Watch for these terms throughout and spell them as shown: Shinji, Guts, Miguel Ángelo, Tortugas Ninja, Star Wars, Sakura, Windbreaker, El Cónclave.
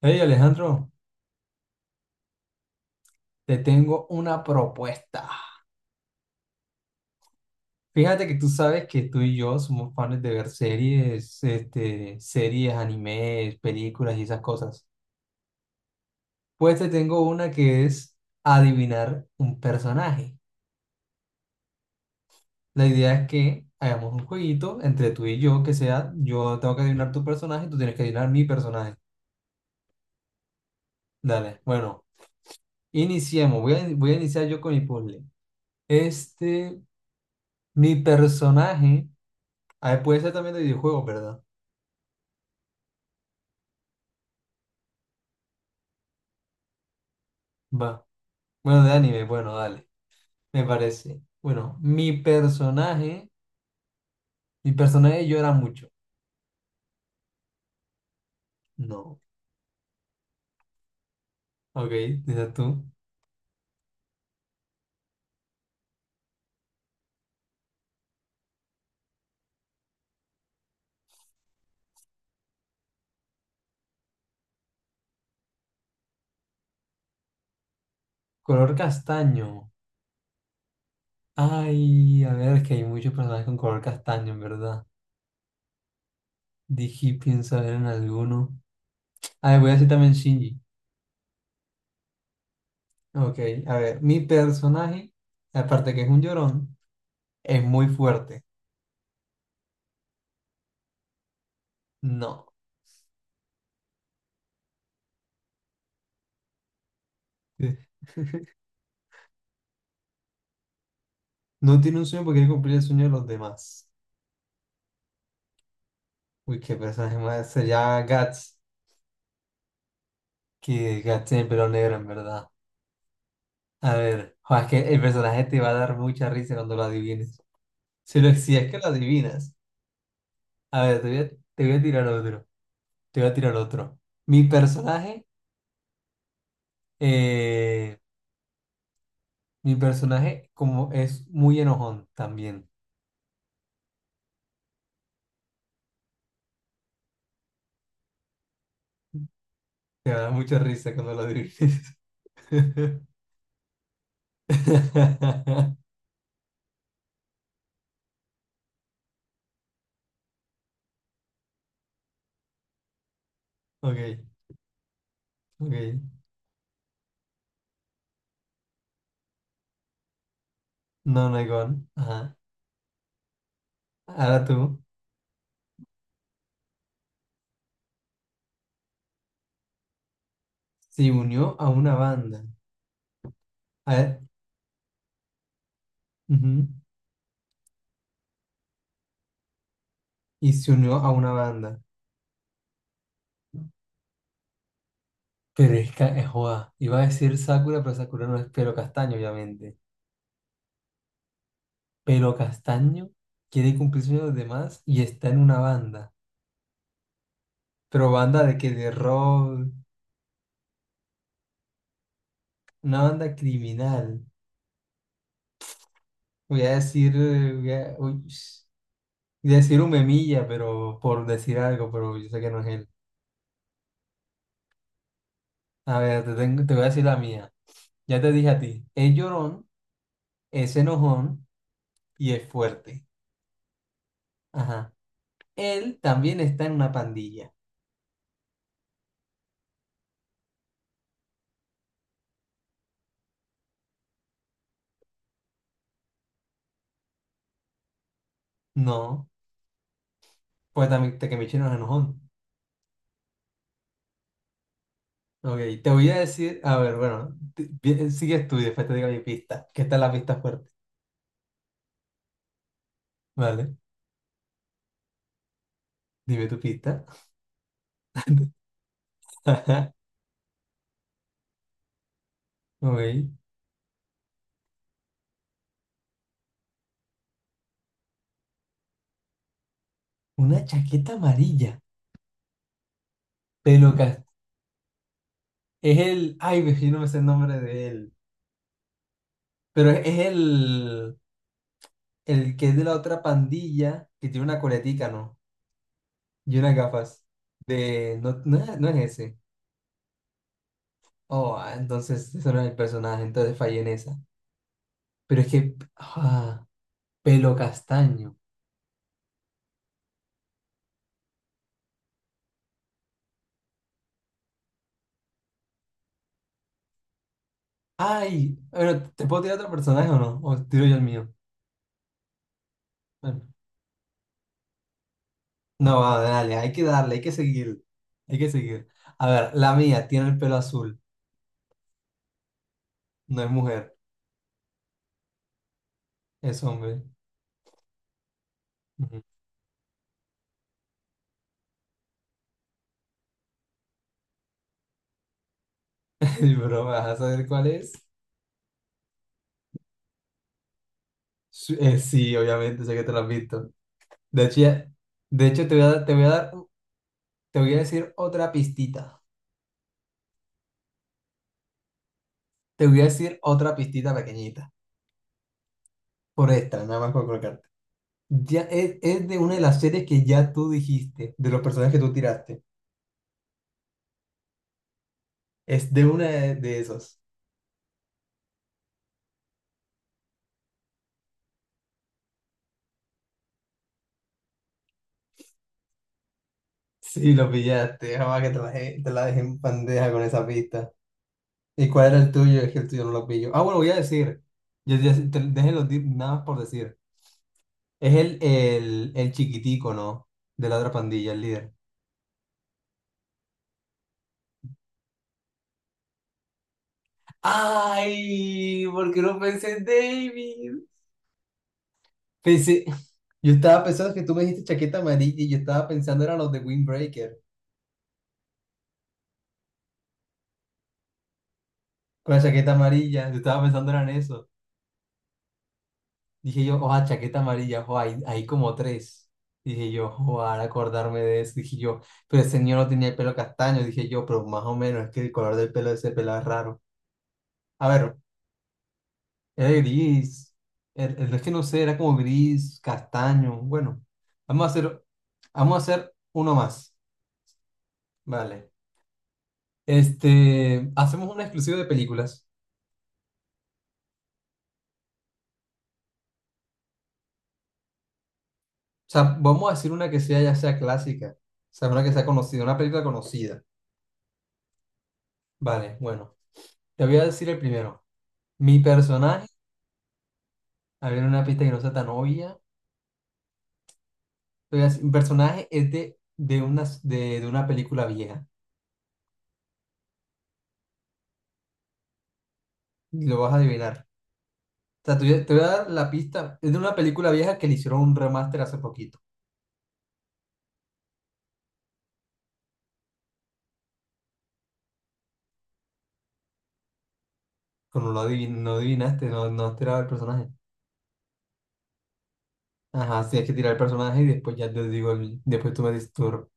Hey Alejandro, te tengo una propuesta. Fíjate que tú sabes que tú y yo somos fans de ver series, este, series, animes, películas y esas cosas. Pues te tengo una que es adivinar un personaje. La idea es que hagamos un jueguito entre tú y yo, que sea, yo tengo que adivinar tu personaje y tú tienes que adivinar mi personaje. Dale, bueno, iniciemos. Voy a iniciar yo con mi puzzle. Este, mi personaje, ah, puede ser también de videojuegos, ¿verdad? Va. Bueno, de anime, bueno, dale, me parece. Bueno, mi personaje llora mucho. No, ok, dices tú. Color castaño. Ay, a ver, es que hay muchos personajes con color castaño, en verdad. Dije, pienso ver en alguno. A ver, voy a decir también Shinji. Ok, a ver, mi personaje, aparte que es un llorón, es muy fuerte. No. No tiene un sueño porque quiere cumplir el sueño de los demás. Uy, qué personaje más. Sería Guts. Que desgaste en el pelo negro, en verdad. A ver, jo, es que el personaje te va a dar mucha risa cuando lo adivines. Si, lo, si es que lo adivinas. A ver, te voy a tirar otro. Te voy a tirar otro. Mi personaje, eh, mi personaje como es muy enojón también. Te va a dar mucha risa cuando lo adivines. Ok, ok. No, no hay con. Ajá. Ahora tú. Se unió a una banda. A ver, ujú. Y se unió a una banda. Pero es que, joda, iba a decir Sakura, pero Sakura no es pelo castaño, obviamente. Pelo castaño, quiere cumplir sueños de los demás y está en una banda. Pero banda de que de rock, una banda criminal. Voy a decir, voy a decir un memilla, pero por decir algo, pero yo sé que no es él. A ver, te voy a decir la mía. Ya te dije a ti, es llorón, es enojón y es fuerte. Ajá. Él también está en una pandilla. No, pues también te que me echen enojón. Ok, te voy a decir, a ver, bueno, bien, sigues tú y después te digo mi pista, que esta es la pista fuerte, ¿vale? Dime tu pista. Ok, una chaqueta amarilla, pelo cas- es el, ay, ve, yo no me sé el nombre de él, pero es el que es de la otra pandilla, que tiene una coletica, ¿no? Y unas gafas de, no, no, es no es ese. Oh, ah, entonces ese no es el personaje, entonces fallé en esa. Pero es que, ah, pelo castaño. Ay, bueno, ¿te puedo tirar otro personaje o no? ¿O tiro yo el mío? Bueno, no, va, dale, hay que darle, hay que seguir. A ver, la mía tiene el pelo azul, no es mujer, es hombre. Ujú. Y, bro, ¿vas a saber cuál es? Sí, sí, obviamente, sé que te lo has visto. De hecho, te voy a dar, te voy a decir otra pistita. Te voy a decir otra pistita pequeñita. Por esta, nada más por colocarte. Ya es de una de las series que ya tú dijiste, de los personajes que tú tiraste. Es de una de esos. Sí, lo pillaste. Jamás que te la dejé en bandeja con esa pista. ¿Y cuál era el tuyo? Es que el tuyo no lo pillo. Ah, bueno, voy a decir. Déjenlo nada más por decir. Es el chiquitico, ¿no? De la otra pandilla, el líder. ¡Ay! ¿Por qué no pensé en David? Pensé. Yo estaba pensando que tú me dijiste chaqueta amarilla y yo estaba pensando eran los de Windbreaker. Con la chaqueta amarilla. Yo estaba pensando eran eso. Dije yo, oh chaqueta amarilla, oh hay, hay como tres. Dije yo, oh al acordarme de eso, dije yo, pero el señor no tenía el pelo castaño, dije yo, pero más o menos, es que el color del pelo de ese pelado es raro. A ver, era gris, es que no sé, era como gris, castaño, bueno, vamos a hacer, vamos a hacer uno más, vale. Este, hacemos una exclusiva de películas, o sea, vamos a decir una que sea, ya sea clásica, o sea, una que sea conocida, una película conocida, vale, bueno, te voy a decir el primero. Mi personaje, a ver una pista que no sea tan obvia. Entonces, mi personaje es de una película vieja. Lo vas a adivinar. O sea, te voy a dar la pista. Es de una película vieja que le hicieron un remaster hace poquito. Como no adivinaste, no, no has tirado el personaje. Ajá, sí, hay que tirar el personaje y después ya te digo, después tú me dices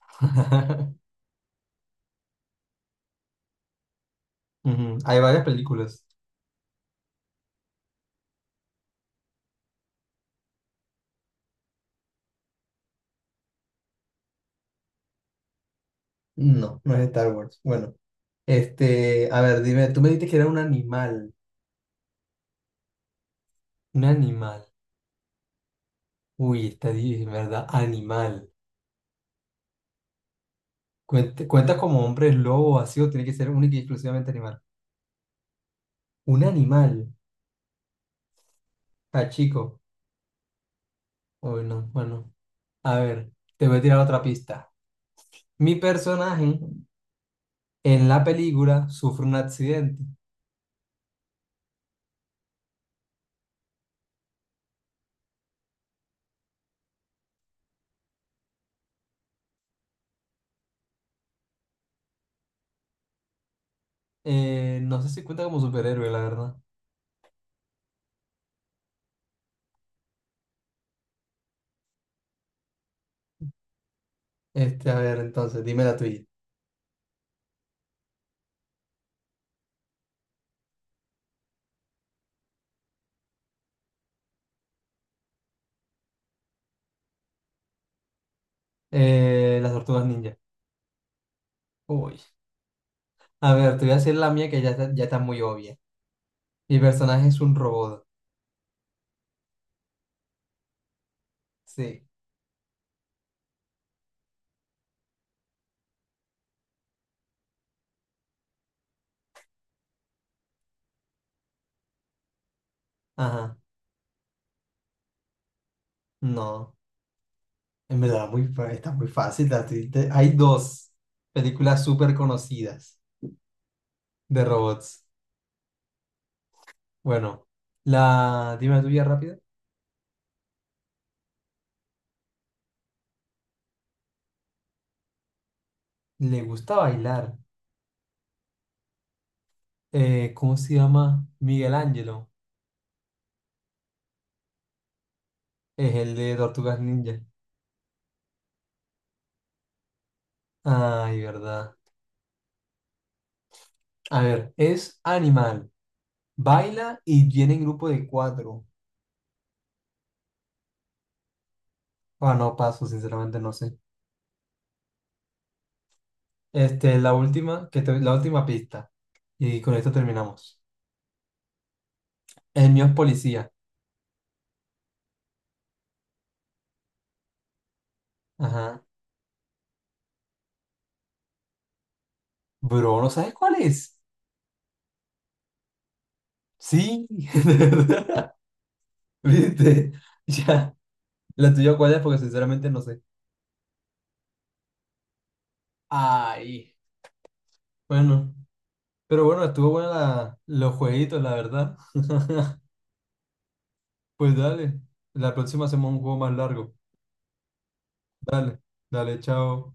Ujú, hay varias películas. No, no es de Star Wars. Bueno, este, a ver, dime, tú me dijiste que era un animal. Un animal. Uy, está difícil, ¿verdad? Animal. Cuenta como hombre lobo así o tiene que ser único y exclusivamente animal. Un animal. Ah chico. Uy, no, bueno. A ver, te voy a tirar otra pista. Mi personaje en la película sufre un accidente. No sé si cuenta como superhéroe, la verdad. Este, a ver, entonces, dime la tuya. Las tortugas ninja. Uy. A ver, te voy a decir la mía que ya está muy obvia. Mi personaje es un robot. Sí. Ajá. No. En verdad, está muy fácil. Hay dos películas súper conocidas de robots. Bueno, la, dime la tuya rápida. Le gusta bailar. ¿Cómo se llama? Miguel Ángelo. Es el de Tortugas Ninja. Ay, verdad. A ver, es animal. Baila y viene en grupo de cuatro. Ah, no paso, sinceramente no sé. Este, la última, la última pista. Y con esto terminamos. El mío es policía. Ajá. Bro, ¿no sabes cuál es? Sí, de verdad. ¿Viste? Ya, la tuya cuál es porque sinceramente no sé. Ay, bueno, pero bueno, estuvo buena la, los jueguitos, la verdad. Pues dale, la próxima hacemos un juego más largo. Dale, dale, chao.